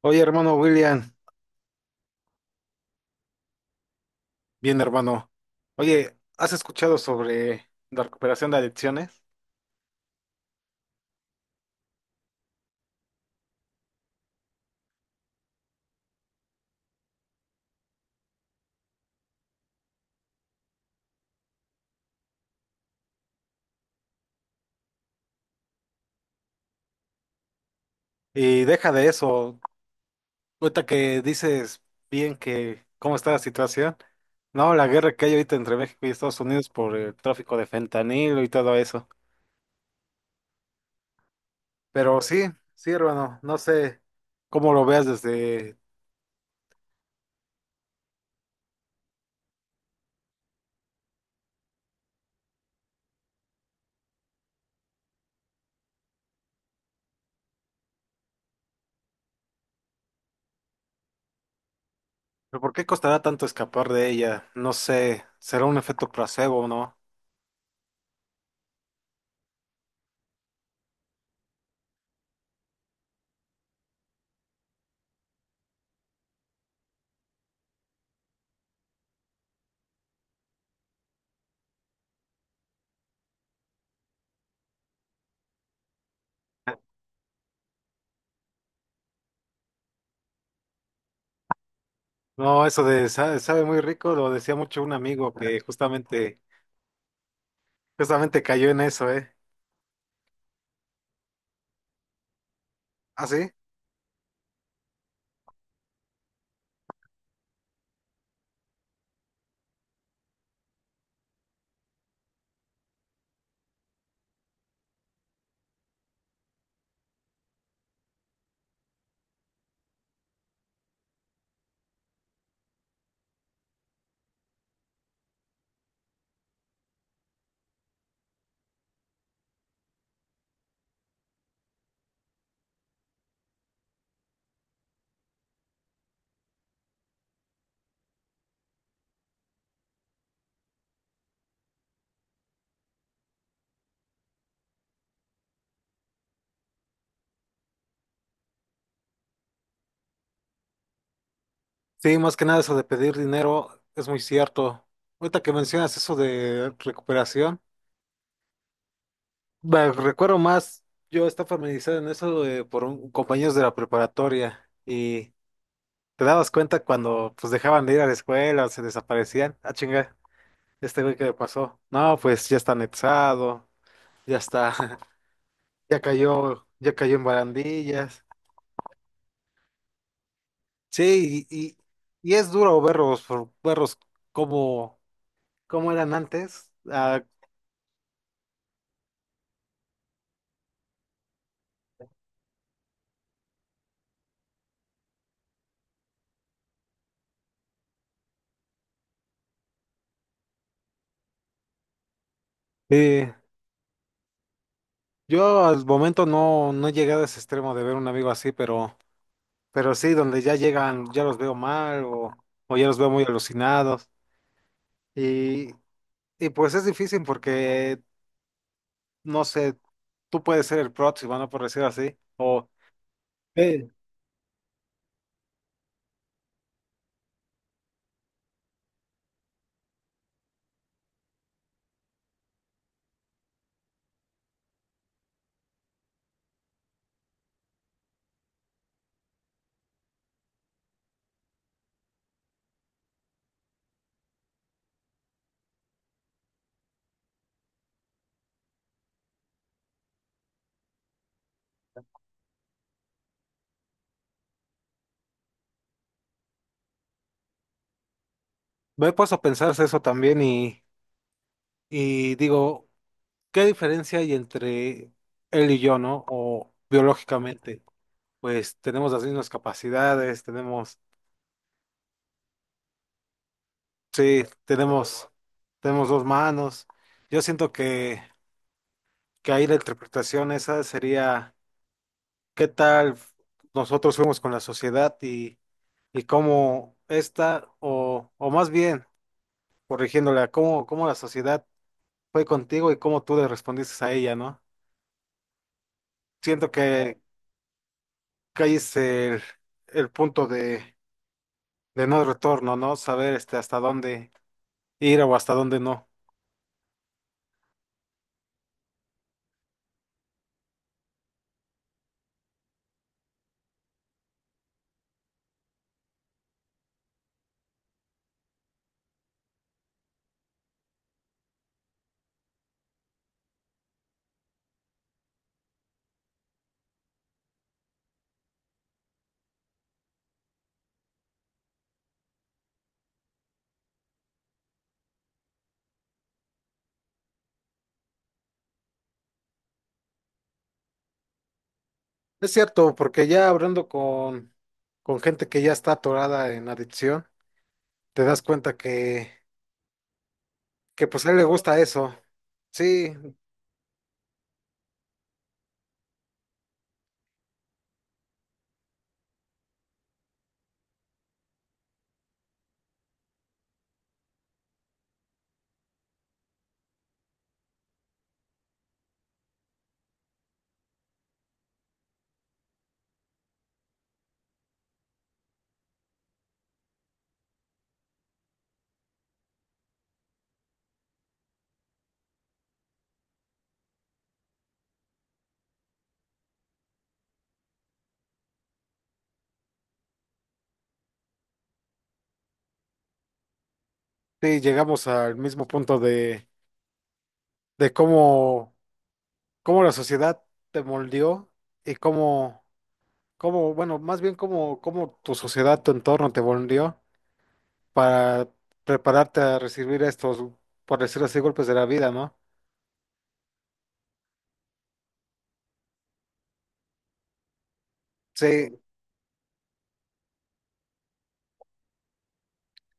Oye, hermano William, bien hermano. Oye, ¿has escuchado sobre la recuperación de adicciones? Y deja de eso, ahorita que dices bien que cómo está la situación. No, la guerra que hay ahorita entre México y Estados Unidos por el tráfico de fentanilo y todo eso. Pero sí, sí, hermano, no sé cómo lo veas desde... ¿Pero por qué costará tanto escapar de ella? No sé, ¿será un efecto placebo o no? No, eso de sabe muy rico lo decía mucho un amigo que justamente cayó en eso, ¿eh? ¿Ah, sí? Sí, más que nada eso de pedir dinero es muy cierto. Ahorita que mencionas eso de recuperación, me recuerdo más. Yo estaba familiarizado en eso por compañeros de la preparatoria, y te dabas cuenta cuando pues dejaban de ir a la escuela, se desaparecían. Ah, chinga, este güey, que le pasó? No, pues ya está anexado, ya está, ya cayó en barandillas. Sí, y es duro verlos como... ¿Cómo eran antes? Ah, sí. Yo al momento no, no he llegado a ese extremo de ver un amigo así, pero sí, donde ya llegan, ya los veo mal, o ya los veo muy alucinados. Y, y pues es difícil porque, no sé, tú puedes ser el próximo, ¿no? Por decir así. O eh, me he puesto a pensarse eso también, y digo, ¿qué diferencia hay entre él y yo, ¿no? O biológicamente, pues tenemos las mismas capacidades, tenemos... Sí, tenemos dos manos. Yo siento que ahí la interpretación esa sería qué tal nosotros fuimos con la sociedad y cómo esta, o más bien, corrigiéndola, cómo la sociedad fue contigo y cómo tú le respondiste a ella, ¿no? Siento que ahí es el punto de no retorno, ¿no? Saber este, hasta dónde ir o hasta dónde no. Es cierto, porque ya hablando con gente que ya está atorada en adicción, te das cuenta que pues a él le gusta eso. Sí, sí, llegamos al mismo punto de cómo, cómo la sociedad te moldeó y cómo, cómo, bueno, más bien cómo tu sociedad, tu entorno te moldeó para prepararte a recibir estos, por decirlo así, golpes de la vida, ¿no? Sí,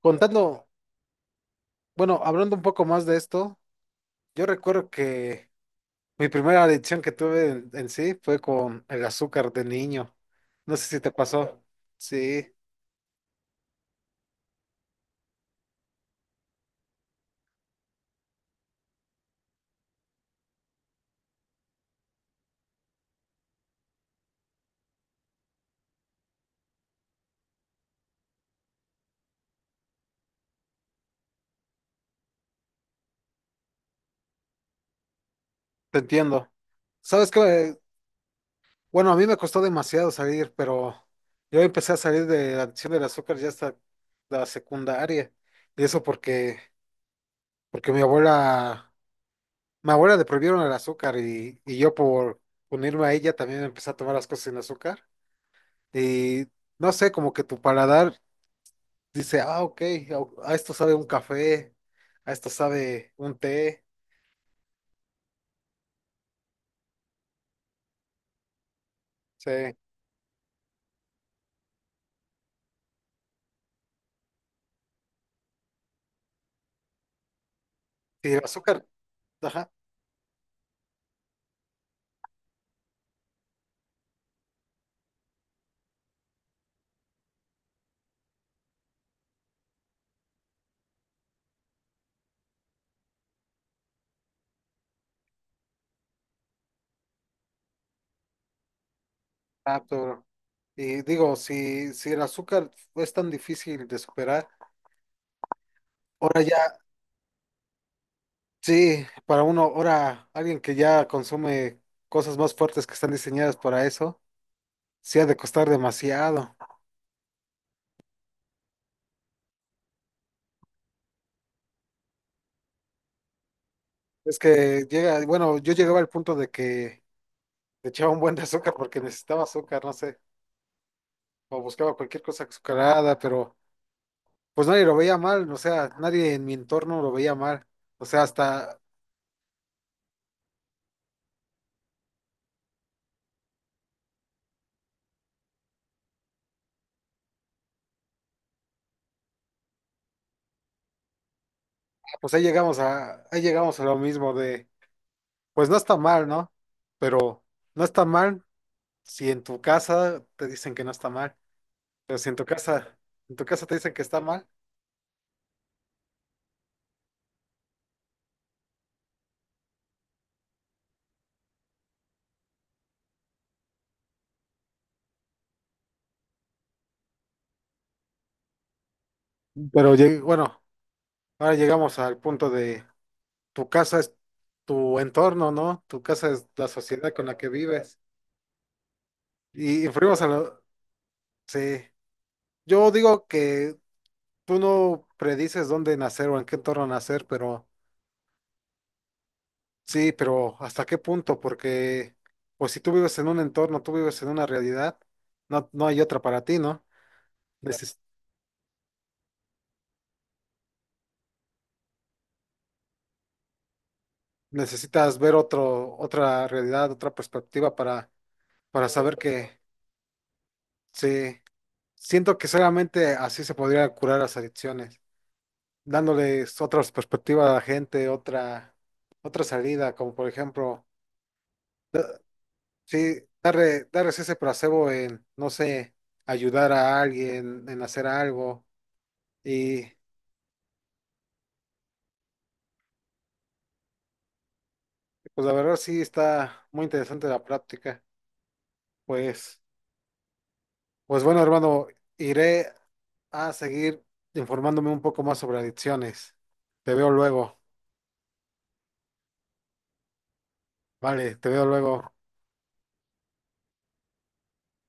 contando, bueno, hablando un poco más de esto, yo recuerdo que mi primera adicción que tuve en sí fue con el azúcar de niño. No sé si te pasó. Sí, te entiendo. ¿Sabes qué? Bueno, a mí me costó demasiado salir, pero yo empecé a salir de la adicción del azúcar ya hasta la secundaria. Y eso porque, porque mi abuela le prohibieron el azúcar, y yo por unirme a ella también empecé a tomar las cosas sin azúcar. Y no sé, como que tu paladar dice, ah, ok, a esto sabe un café, a esto sabe un té, sí. Y el azúcar, ajá, ah, y digo, si, si el azúcar es tan difícil de superar, ahora ya, sí, para uno, ahora alguien que ya consume cosas más fuertes que están diseñadas para eso, sí ha de costar demasiado. Es que llega, bueno, yo llegaba al punto de que le echaba un buen de azúcar porque necesitaba azúcar, no sé, o buscaba cualquier cosa azucarada, pero... Pues nadie lo veía mal, o sea, nadie en mi entorno lo veía mal. O sea, hasta, pues ahí llegamos a lo mismo de, pues no está mal, ¿no? Pero no está mal si en tu casa te dicen que no está mal. Pero si en tu casa, en tu casa te dicen que está mal. Pero bueno, ahora llegamos al punto de tu casa es tu entorno, ¿no? Tu casa es la sociedad con la que vives. Y influimos a lo, sí. Yo digo que tú no predices dónde nacer o en qué entorno nacer, pero sí, pero ¿hasta qué punto? Porque, pues si tú vives en un entorno, tú vives en una realidad, no, no hay otra para ti, ¿no? Neces- Necesitas ver otro, otra realidad, otra perspectiva para saber que sí. Siento que solamente así se podría curar las adicciones, dándoles otras perspectivas a la gente, otra, otra salida, como por ejemplo. Sí, darle, darles ese placebo en, no sé, ayudar a alguien, en hacer algo. Y pues la verdad sí está muy interesante la práctica. Pues, pues bueno, hermano, iré a seguir informándome un poco más sobre adicciones. Te veo luego. Vale, te veo luego.